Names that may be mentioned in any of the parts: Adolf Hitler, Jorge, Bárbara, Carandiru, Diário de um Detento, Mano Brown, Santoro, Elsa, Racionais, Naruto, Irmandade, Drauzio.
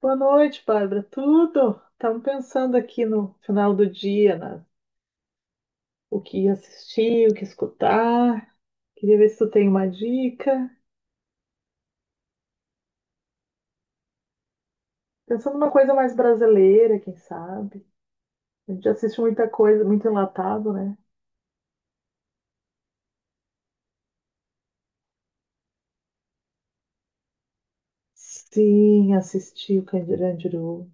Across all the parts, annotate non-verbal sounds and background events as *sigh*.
Boa noite, Bárbara. Tudo? Estamos pensando aqui no final do dia, o que assistir, o que escutar. Queria ver se tu tem uma dica. Pensando numa coisa mais brasileira, quem sabe? A gente assiste muita coisa, muito enlatado, né? Sim, assisti o Carandiru.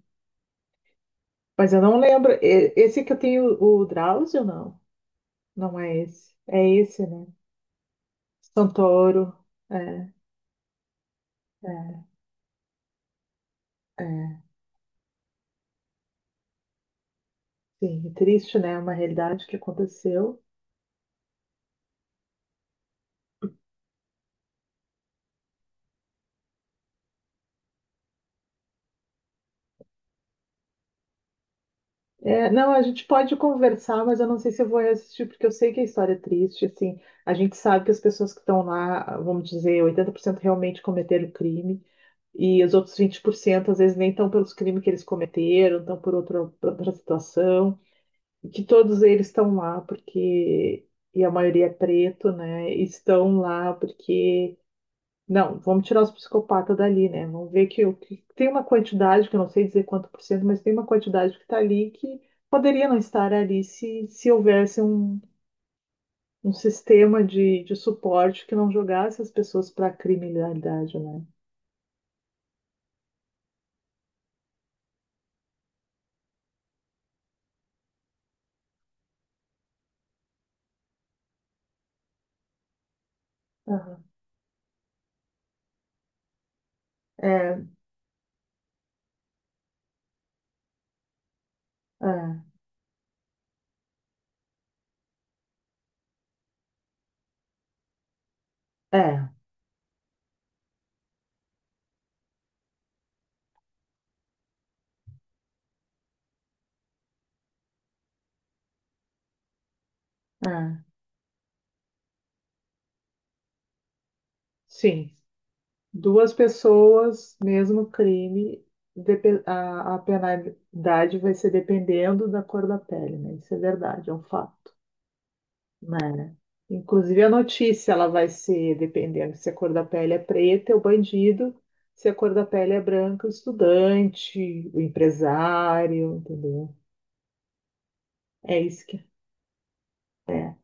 Mas eu não lembro. Esse que eu tenho, o Drauzio, não. Não é esse. É esse, né? Santoro. É, é, é. Sim, triste, né? Uma realidade que aconteceu. É, não, a gente pode conversar, mas eu não sei se eu vou assistir, porque eu sei que a história é triste, assim, a gente sabe que as pessoas que estão lá, vamos dizer, 80% realmente cometeram crime, e os outros 20% às vezes nem estão pelos crimes que eles cometeram, estão por outra situação, e que todos eles estão lá porque, e a maioria é preto, né, e estão lá porque não, vamos tirar os psicopatas dali, né? Vamos ver que, que tem uma quantidade, que eu não sei dizer quanto por cento, mas tem uma quantidade que está ali que poderia não estar ali se houvesse um, um sistema de suporte que não jogasse as pessoas para a criminalidade, né? Aham. É, é, é, é. Sim. Duas pessoas, mesmo crime, a penalidade vai ser dependendo da cor da pele, né? Isso é verdade, é um fato. Né? Inclusive a notícia, ela vai ser, dependendo se a cor da pele é preta, é o bandido, se a cor da pele é branca, o estudante, o empresário, entendeu? É isso que é.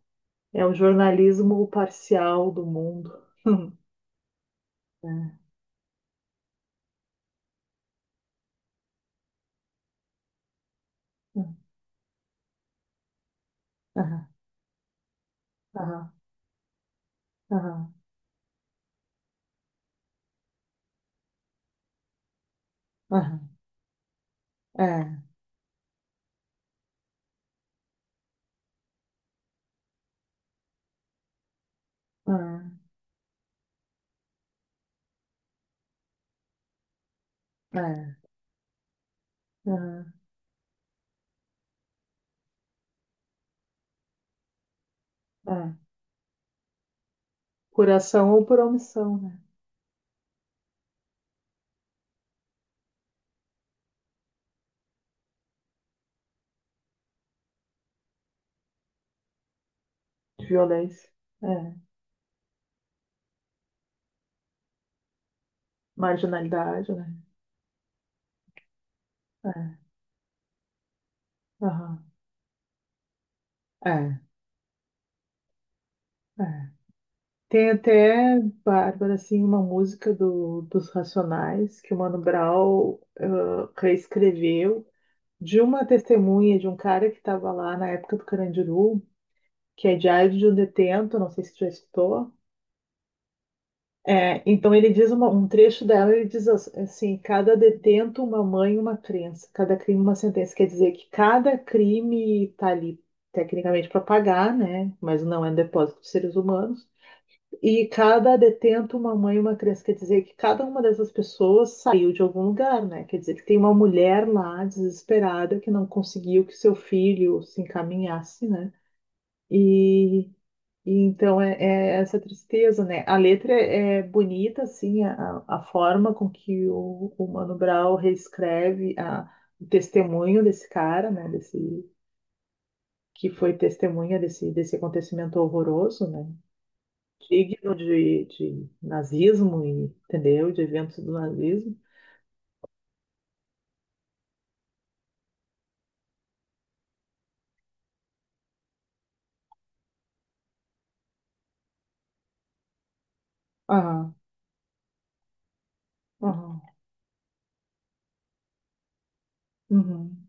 É o jornalismo parcial do mundo. *laughs* É, aham, aham, aham, aham, é, aham, é, aham, é. Por ação ou por omissão, né? Violência, é. Marginalidade, né? É, aham, é, é. Tem até, Bárbara, assim, uma música dos Racionais que o Mano Brown reescreveu de uma testemunha de um cara que estava lá na época do Carandiru, que é Diário de um Detento, não sei se tu já escutou. É, então ele diz um trecho dela, ele diz assim, cada detento uma mãe, uma crença, cada crime uma sentença. Quer dizer que cada crime está ali tecnicamente para pagar, né? Mas não é um depósito de seres humanos. E cada detento, uma mãe e uma criança, quer dizer que cada uma dessas pessoas saiu de algum lugar, né? Quer dizer que tem uma mulher lá desesperada que não conseguiu que seu filho se encaminhasse, né? E, e então é, é essa tristeza, né? A letra é, é bonita, assim, a forma com que o Mano Brown reescreve a, o testemunho desse cara, né? Desse, que foi testemunha desse, desse acontecimento horroroso, né? Digno de nazismo, entendeu? De eventos do nazismo. Aham, aham, uhum,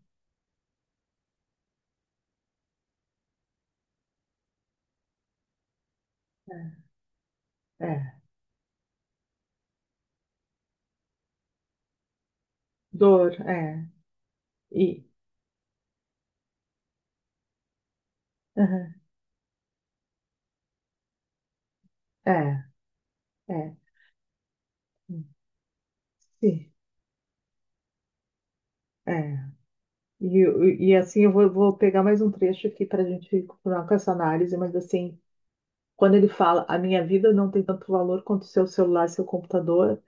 é, é. Dor, é. E, aham, é, é. Sim, é. E assim eu vou, vou pegar mais um trecho aqui para a gente continuar com essa análise, mas assim, quando ele fala, a minha vida não tem tanto valor quanto o seu celular, seu computador.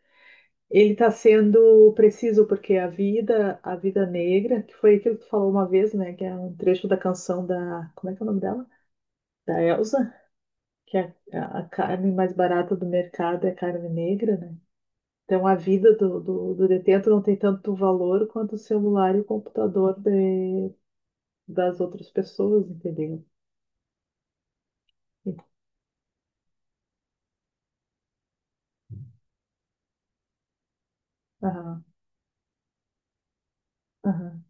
Ele está sendo preciso porque a vida negra, que foi aquilo que tu falou uma vez, né? Que é um trecho da canção da, como é que é o nome dela? Da Elsa, que é a carne mais barata do mercado é carne negra, né? Então a vida do detento não tem tanto valor quanto o celular e o computador das outras pessoas, entendeu? Aham, aham,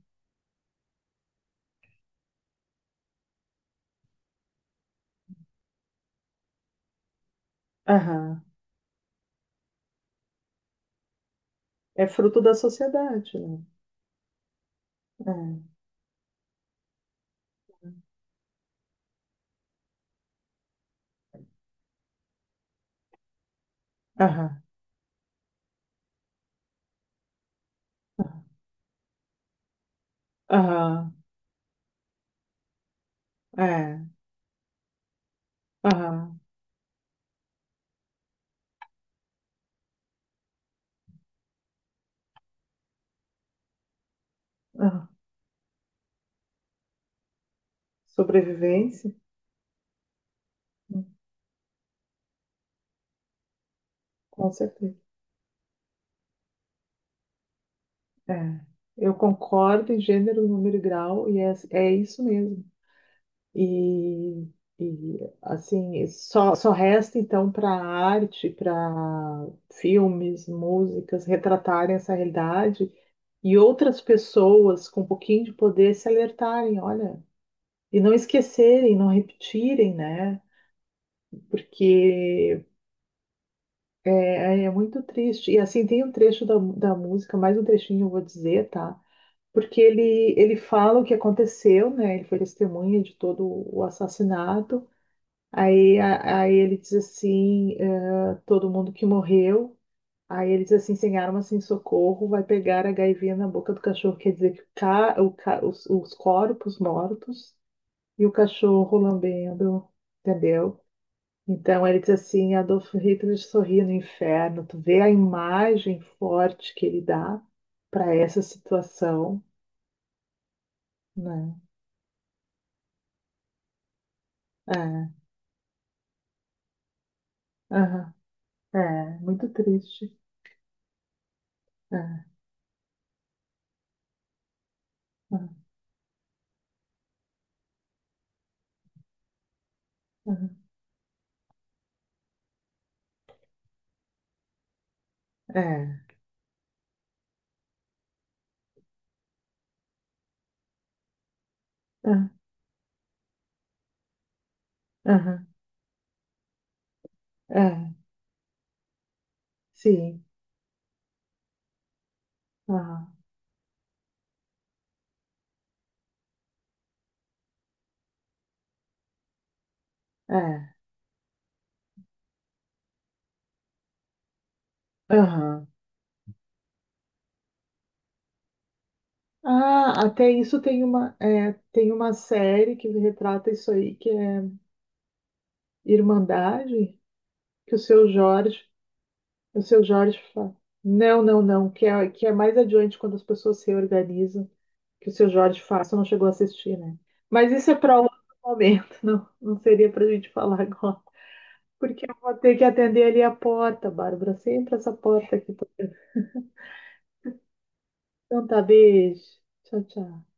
aham. É fruto da sociedade, né? É. Aham, aham, é, aham, aham. Sobrevivência? Né? Com certeza. É. Eu concordo em gênero, número e grau, e é, é isso mesmo. E, e assim, só resta então para a arte, para filmes, músicas, retratarem essa realidade e outras pessoas com um pouquinho de poder se alertarem, olha, e não esquecerem, não repetirem, né? Porque é, é é muito triste. E assim, tem um trecho da música, mais um trechinho eu vou dizer, tá? Porque ele fala o que aconteceu, né? Ele foi testemunha de todo o assassinato. Aí, aí ele diz assim, todo mundo que morreu. Aí ele diz assim, sem arma, sem socorro, vai pegar a gaivinha na boca do cachorro. Quer dizer que os corpos mortos e o cachorro lambendo, entendeu? Então ele diz assim, Adolf Hitler sorria no inferno. Tu vê a imagem forte que ele dá para essa situação, né? É. Aham. É, muito triste. É, aham, aham. É, ah, aham, é, sim, aham, é, aham. Ah, até isso tem uma, é, tem uma série que retrata isso aí, que é Irmandade, que o seu Jorge fala, não, não, não, que é mais adiante quando as pessoas se organizam, que o seu Jorge fala, você não chegou a assistir, né? Mas isso é para outro momento, *laughs* não, não seria para a gente falar agora. Porque eu vou ter que atender ali a porta, Bárbara. Sempre essa porta aqui. Então tá, beijo. Tchau, tchau.